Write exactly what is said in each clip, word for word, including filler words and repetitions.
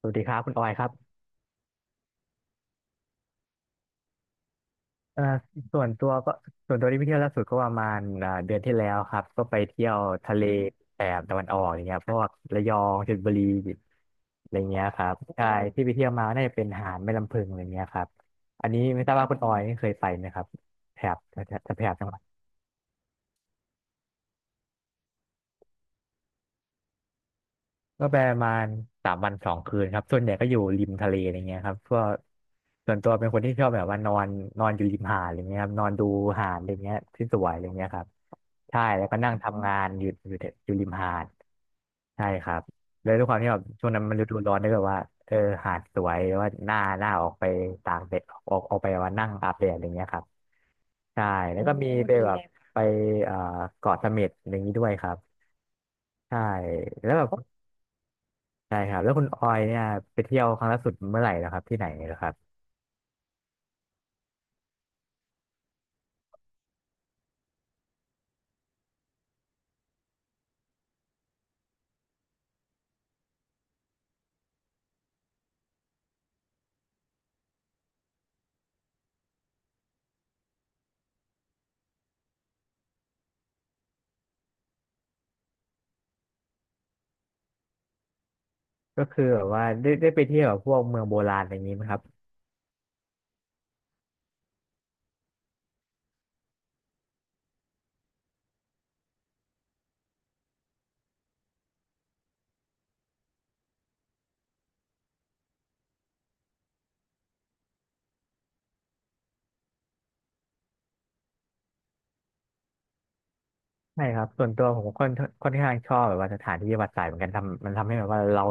สวัสดีครับคุณออยครับเอ่อส่วนตัวก็ส่วนตัวที่ไปเที่ยวล่าสุดก็ประมาณอ่าเดือนที่แล้วครับก็ไปเที่ยวทะเลแถบตะวันออกอย่างเงี้ยพวกระยองชลบุรีอะไรเงี้ยครับใช่ที่ไปเที่ยวมาน่าจะเป็นหาดแม่ลำพึงอะไรเงี้ยครับอันนี้ไม่ทราบว่าคุณออยนี่เคยไปไหมครับแถบแถบแถบจังหวัดก็ไปประมาณสามวันสองคืนครับส่วนใหญ่ก็อยู่ริมทะเลอะไรเงี้ยครับเพวกส่วนตัวเป็นคนที่ชอบแบบว่านอนนอนอยู่ริมหาดอะไรเงี้ยครับนอนดูหาดอะไรเงี้ยที่สวยอะไรเงี้ยครับ ใช่แล้วก็นั่งทำงานอยู่อยู่แต่อยู่ริมหาดใช่ครับเลยด้วยความที่แบบช่วงนั้นมันฤดูร้อนด้วยแบบว่าเออหาดสวยแล้วว่าหน้าหน้าออกไปตากแดดออกออกไปว่านั่งอาบแดดอะไรเงี้ยครับใช่แล้วโอ้วก็มีไปดีแบบเลบยไปเอ่อเกาะเสม็ดอะไรอย่างนี้ด้วยครับใช่แล้วแบบใช่ครับแล้วคุณออยเนี่ยไปเที่ยวครั้งล่าสุดเมื่อไหร่นะครับที่ไหนนะครับก็คือแบบว่าได้ได้ไปเที่ยวแบบพวกเมืองโบราณอะไรอย่างนี้ไหมครับ ใช่ครับส่วนตัวผมก็ค่อนค่อนข้างชอบแบบว่าสถานที่ประวัติศาสตร์เหมือนกันทำมันทำให้แบบว่าเรา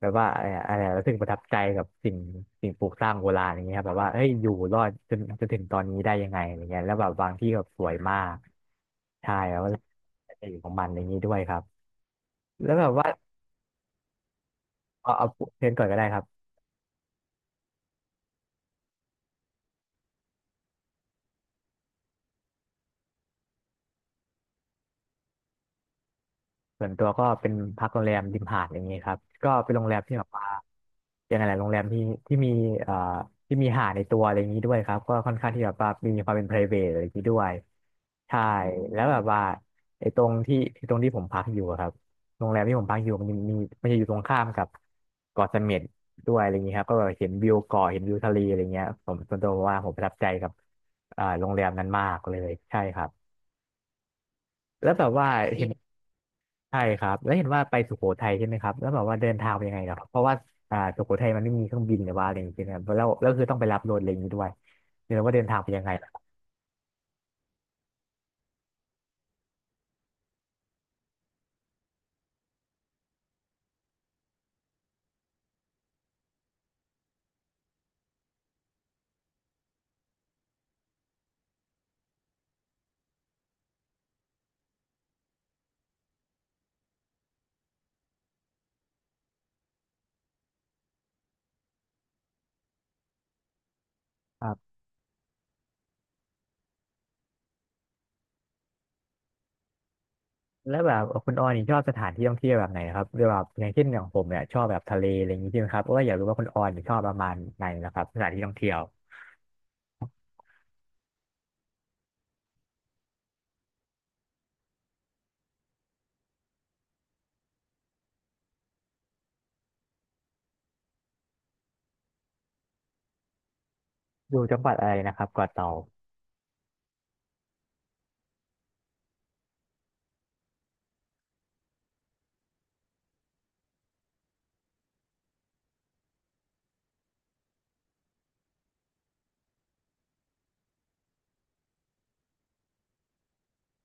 แบบว่าอะไรอะอะไรอะรู้สึกประทับใจกับสิ่งสิ่งปลูกสร้างโบราณอย่างเงี้ยครับแบบว่าเอ้ยอยู่รอดจนจนถึงตอนนี้ได้ยังไงอย่างเงี้ยแล้วแบบบางที่แบบสวยมากใช่แล้วก็เอกของมันอย่างนี้ด้วยครับแล้วแบบว่าเอาเอาเชิญก่อนก็ได้ครับ ส่วนตัวก็เป็นพักโรงแรมริมหาดอย่างนี้ครับก็เป็นโรงแรมที่แบบว่ายังไงแหละโรงแรมที่ที่มีเอ่อที่มีหาดในตัวอะไรอย่างนี้ด้วยครับก็ค่อนข้างที่แบบว่ามีความเป็น private อะไรอย่างนี้ด้วยใช่แล้วแบบว่าไอ้ตรงที่ที่ตรงที่ผมพักอยู่อะครับโรงแรมที่ผมพักอยู่มันมีมันจะอยู่ตรงข้ามกับเกาะเสม็ดด้วยอะไรอย่างนี้ครับก็แบบเห็นวิวเกาะเห็นวิวทะเลอะไรเงี้ยผมส่วนตัวว่าผมประทับใจกับเอ่าโรงแรมนั้นมากเลยใช่ครับแล้วแบบว่าเห็น ใช่ครับแล้วเห็นว่าไปสุโขทัยใช่ไหมครับแล้วแบบว่าเดินทางไปนยังไงเหรอครับเพราะว่าอ่าสุโขทัยมันไม่มีเครื่องบินหรือว่าอะไรอย่างเงี้ยครับแล้วแล้วคือต้องไปรับรถอะไรอย่างงี้ด้วยเดี๋ยวว่าเดินทางไปนยังไงล่ะครบครับแล้วแบบคุณออยนี่ชอบสถานที่ท่องเที่ยวแบบไหนครับหรือแบบอย่างเช่นอย่างผมเนี่ยชอบแบบทะเลอะไรอย่างงี้ใช่ไหมครับเพราะว่าอยากรู้ว่าคุณออยนี่ชอบประมาณไหนนะครับสถานที่ท่องเที่ยวอยู่จังหวัดอะไรนะครับเกาะเต่า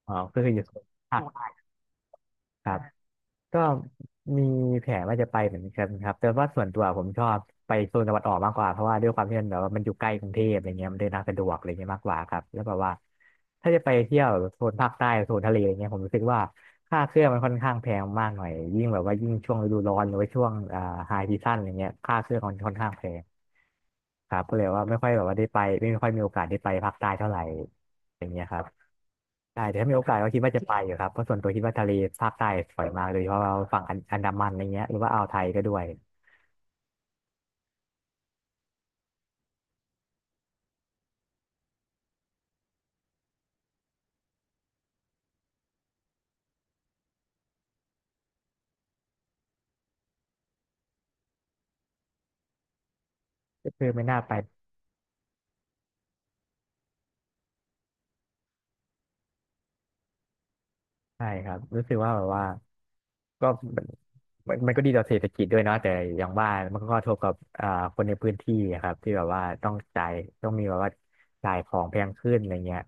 อ๋อก็คืออยู่สุโขทัยครับ ก็มีแผนว่าจะไปเหมือนกันครับแต่ว่าส่วนตัวผมชอบไปโซนตะวันออกมากกว่าเพราะว่าด้วยความที่มันแบบว่ามันอยู่ใกล้กรุงเทพอะไรเงี้ยมันเดินทางสะดวกอะไรเงี้ยมากกว่าครับแล้วแบบว่าถ้าจะไปเที่ยวโซนภาคใต้โซนทะเลอะไรเงี้ยผมรู้สึกว่าค่าเครื่องมันค่อนข้างแพงมากหน่อยยิ่งแบบว่ายิ่งช่วงฤดูร้อนหรือว่าช่วงอ่าไฮซีซั่นอะไรเงี้ยค่าเครื่องมันค่อนข้างแพง ครับก็เลยว่าไม่ค่อยแบบว่าได้ไปไม่ค่อยมีโอกาสได้ไปภาคใต้เท่าไหร่อย่างเงี้ยครับใช่แต่ถ้ามีโอกาสก็คิดว่าจะไปอยู่ครับเพราะส่วนตัวคิดว่าทะเลภาคใต้สวยมากโดยเฉพาะว่าฝั่งอันอันดามันอะไรเงี้ยหรือว่าอ่าวไทยก็ด้วยก็คือไม่น่าไปใช่ครับรู้สึกว่าแบบว่าก็มันมันก็ดีต่อเศรษฐกิจด้วยเนาะแต่อย่างว่ามันก็กระทบกับอ่าคนในพื้นที่อะครับที่แบบว่าต้องจ่ายต้องมีแบบว่าจ่ายของแพงขึ้นอะไรเงี้ย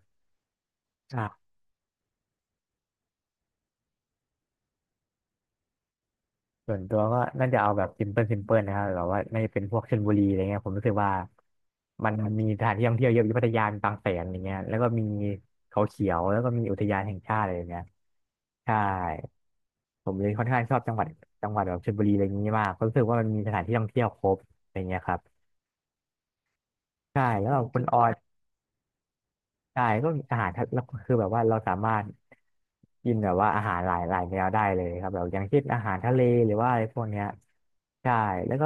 ส่วนตัวก็น่าจะเอาแบบซิมเพิลซิมเพิลนะครับแบบว่าน่าจะเป็นพวกชลบุรีอะไรเงี้ยผมรู้สึกว่ามันมีสถานที่ท่องเที่ยวเยอะอยู่พัทยามีบางแสนอย่างเงี้ยแล้วก็มีเขาเขียวแล้วก็มีอุทยานแห่งชาติอะไรอย่างเงี้ยใช่ผมเลยค่อนข้างชอบจังหวัดจังหวัดแบบชลบุรีอะไรอย่างงี้มากเพราะรู้สึกว่ามันมีสถานที่ท่องเที่ยวครบอะไรเงี้ยครับใช่แล้วก็คุณออย ใช่ก็อาหารทะแล้วคือแบบว่าเราสามารถกินแบบว่าอาหารหลายหลายแนวได้เลยครับแบบอย่างเช่นอาหารทะเลหรือว่าอะไรพวกเนี้ยใช่แล้วก็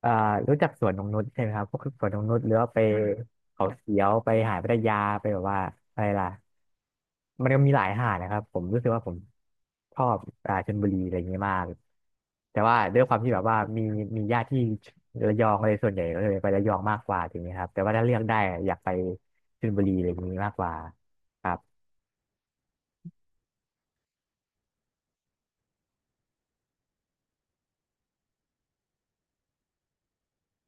เอ่อรู้จักสวนนงนุชใช่ไหมครับพวกสวนนงนุชหรือว่าไปเขาเขียวไปหาดพัทยาไปแบบว่าอะไรล่ะมันก็มีหลายหาดนะครับผมรู้สึกว่าผมชอบอ่าชลบุรีอะไรอย่างเงี้ยมากแต่ว่าด้วยความที่แบบว่ามีมีญาติที่ระยองเลยส่วนใหญ่ก็เลยไประยองมากกว่าอย่างเงี้ยครับแต่ว่าถ้าเลือกได้อยากไป ชลบุรีอะไรพวกนี้มากกว่าครับ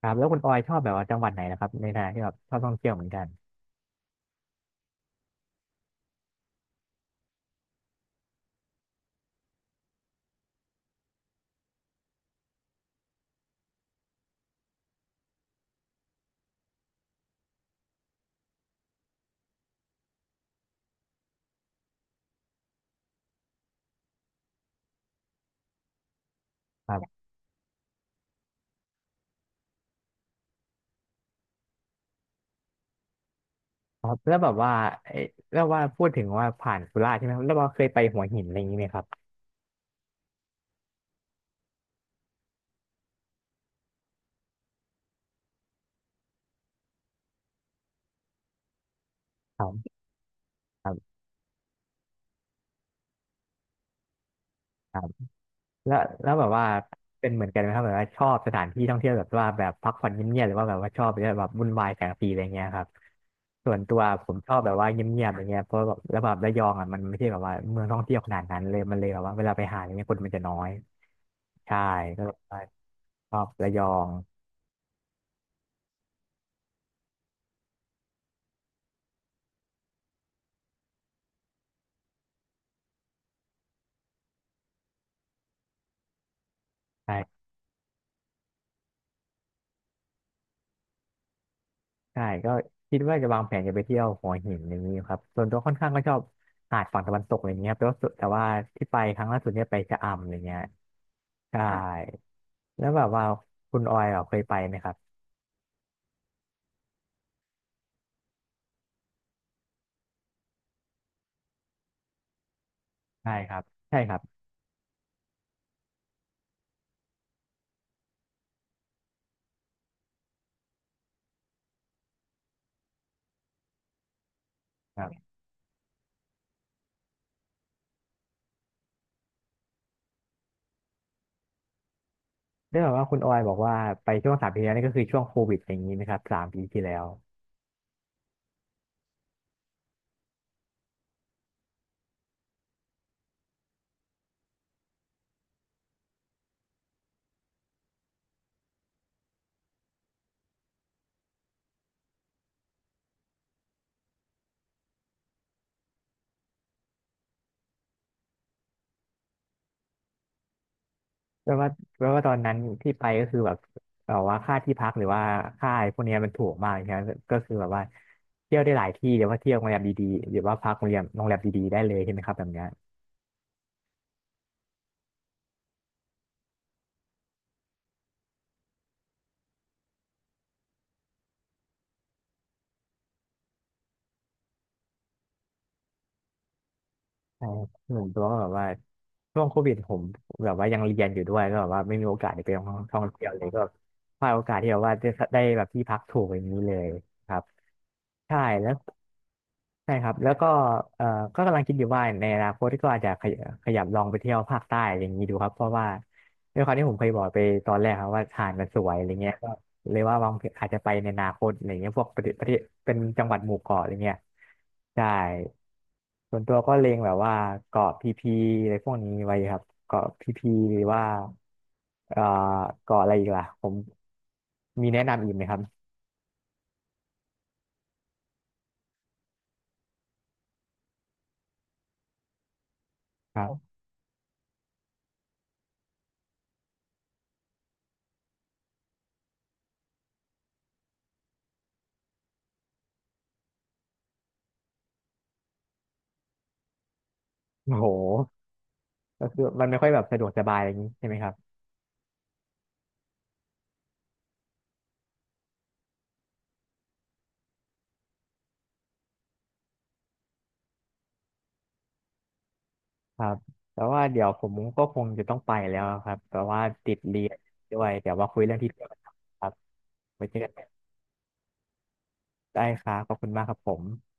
ครับแล้วคุณออยชอบแบบว่าจังหวัดไหนนะครับในฐานะที่แบบชอบท่องเที่ยวเหมือนกันครับครับแล้วแบบว่าเอ้แล้วว่าพูดถึงว่าผ่านสุราษฎร์ใช่ไหมครับแล้วว่าเคยไปหัวหินอะไรอย่างนี้ไหมครับครับครับ แล้วแล้วแบบว่าเป็นเหมือนกันไหมครับแบบว่าชอบสถานที่ท่องเที่ยวแบบว่าแบบพักผ่อนเงียบๆหรือว่าแบบว่าชอบแบบวุ่นวายแสงสีอะไรเงี้ยครับส่วนตัวผมชอบแบบว่าเงียบๆอะไรเงี้ยเพราะแบบแล้วแบบระยองอ่ะมันไม่ใช่แบบว่าเมืองท่องเที่ยวขนาดนั้นเลยมันเลยแบบว่าเวลาไปหาอะไรเงี้ยคนมันจะน้อยใช่ก็เลยว่าชอบระยองใช่ใช่ก็คิดว่าจะวางแผนจะไปเที่ยวหัวหินอย่างนี้ครับส่วนตัวค่อนข้างก็ชอบหาดฝั่งตะวันตกอะไรเงี้ยครับแต่ว่าแต่ว่าที่ไปครั้งล่าสุดเนี่ยไปชะอำอะไรเงี้ยใช่ แล้วแบบว่าคุณออยแบบเคยไปไหมครับใช่ครับใช่ครับครับได้แบบว่าคุณออยบอกว่าไปช่วงสามปีที่แล้วนี่ก็คือช่วงโควิดอย่างนี้ไหมครับสามปีที่แล้วแปลว่าแปลว่าตอนนั้นที่ไปก็คือแบบแบบว่าค่าที่พักหรือว่าค่าพวกเนี้ยมันถูกมากใช่ไหมก็คือแบบว่าเที่ยวได้หลายที่เดี๋ยวว่าเที่ยวโรงแรมดีๆเดี๋ยวว่าพักโรงแรมโรงแรมดีๆได้เลยใช่ไหมครับแบบเนี้ย ใช่ครับหนึ่งตัวก็แบบว่าช่วงโควิดผมแบบว่ายังเรียนอยู่ด้วยก็แบบว่าไม่มีโอกาสได้ไปท่องเที่ยวเลยก็พลาดโอกาสที่แบบว่าจะได้แบบที่พักถูกอย่างนี้เลยครับใช่แล้ว ใช่ครับแล้วก็เอ่อก็กำลังคิดอยู่ว่าในอนาคตก็อาจจะขยขยับลองไปเที่ยวภาคใต้ออย่างนี้ดูครับเพราะว่าด้วยความที่ผมเคยบอกไปตอนแรกครับว่าหาดมันสวยอะไรเงี้ยก็เลยว่าวางแผนอาจจะไปในอนาคตอะไรเงี้ยพวกประเทศประเทศเป็นจังหวัดหมู่เกาะอะไรเงี้ยใช่ส่วนตัวก็เล็งแบบว่าเกาะพีพีอะไรพวกนี้ไว้ครับเกาะพีพีหรือว่าเอ่อเกาะอะไรอีกล่ะผมมีแนะนำอีกไหมครับครับโอ้โหก็คือมันไม่ค่อยแบบสะดวกสบายอะไรอย่างนี้ใช่ไหมครับ ครับแต่ว่าเดี๋ยวผมก็คงจะต้องไปแล้วครับแต่ว่าติดเรียนด้วยเดี๋ยวมาคุยเรื่องที่เรียนกันครับไว้เจอกันได้ครับขอบคุณมากครับผม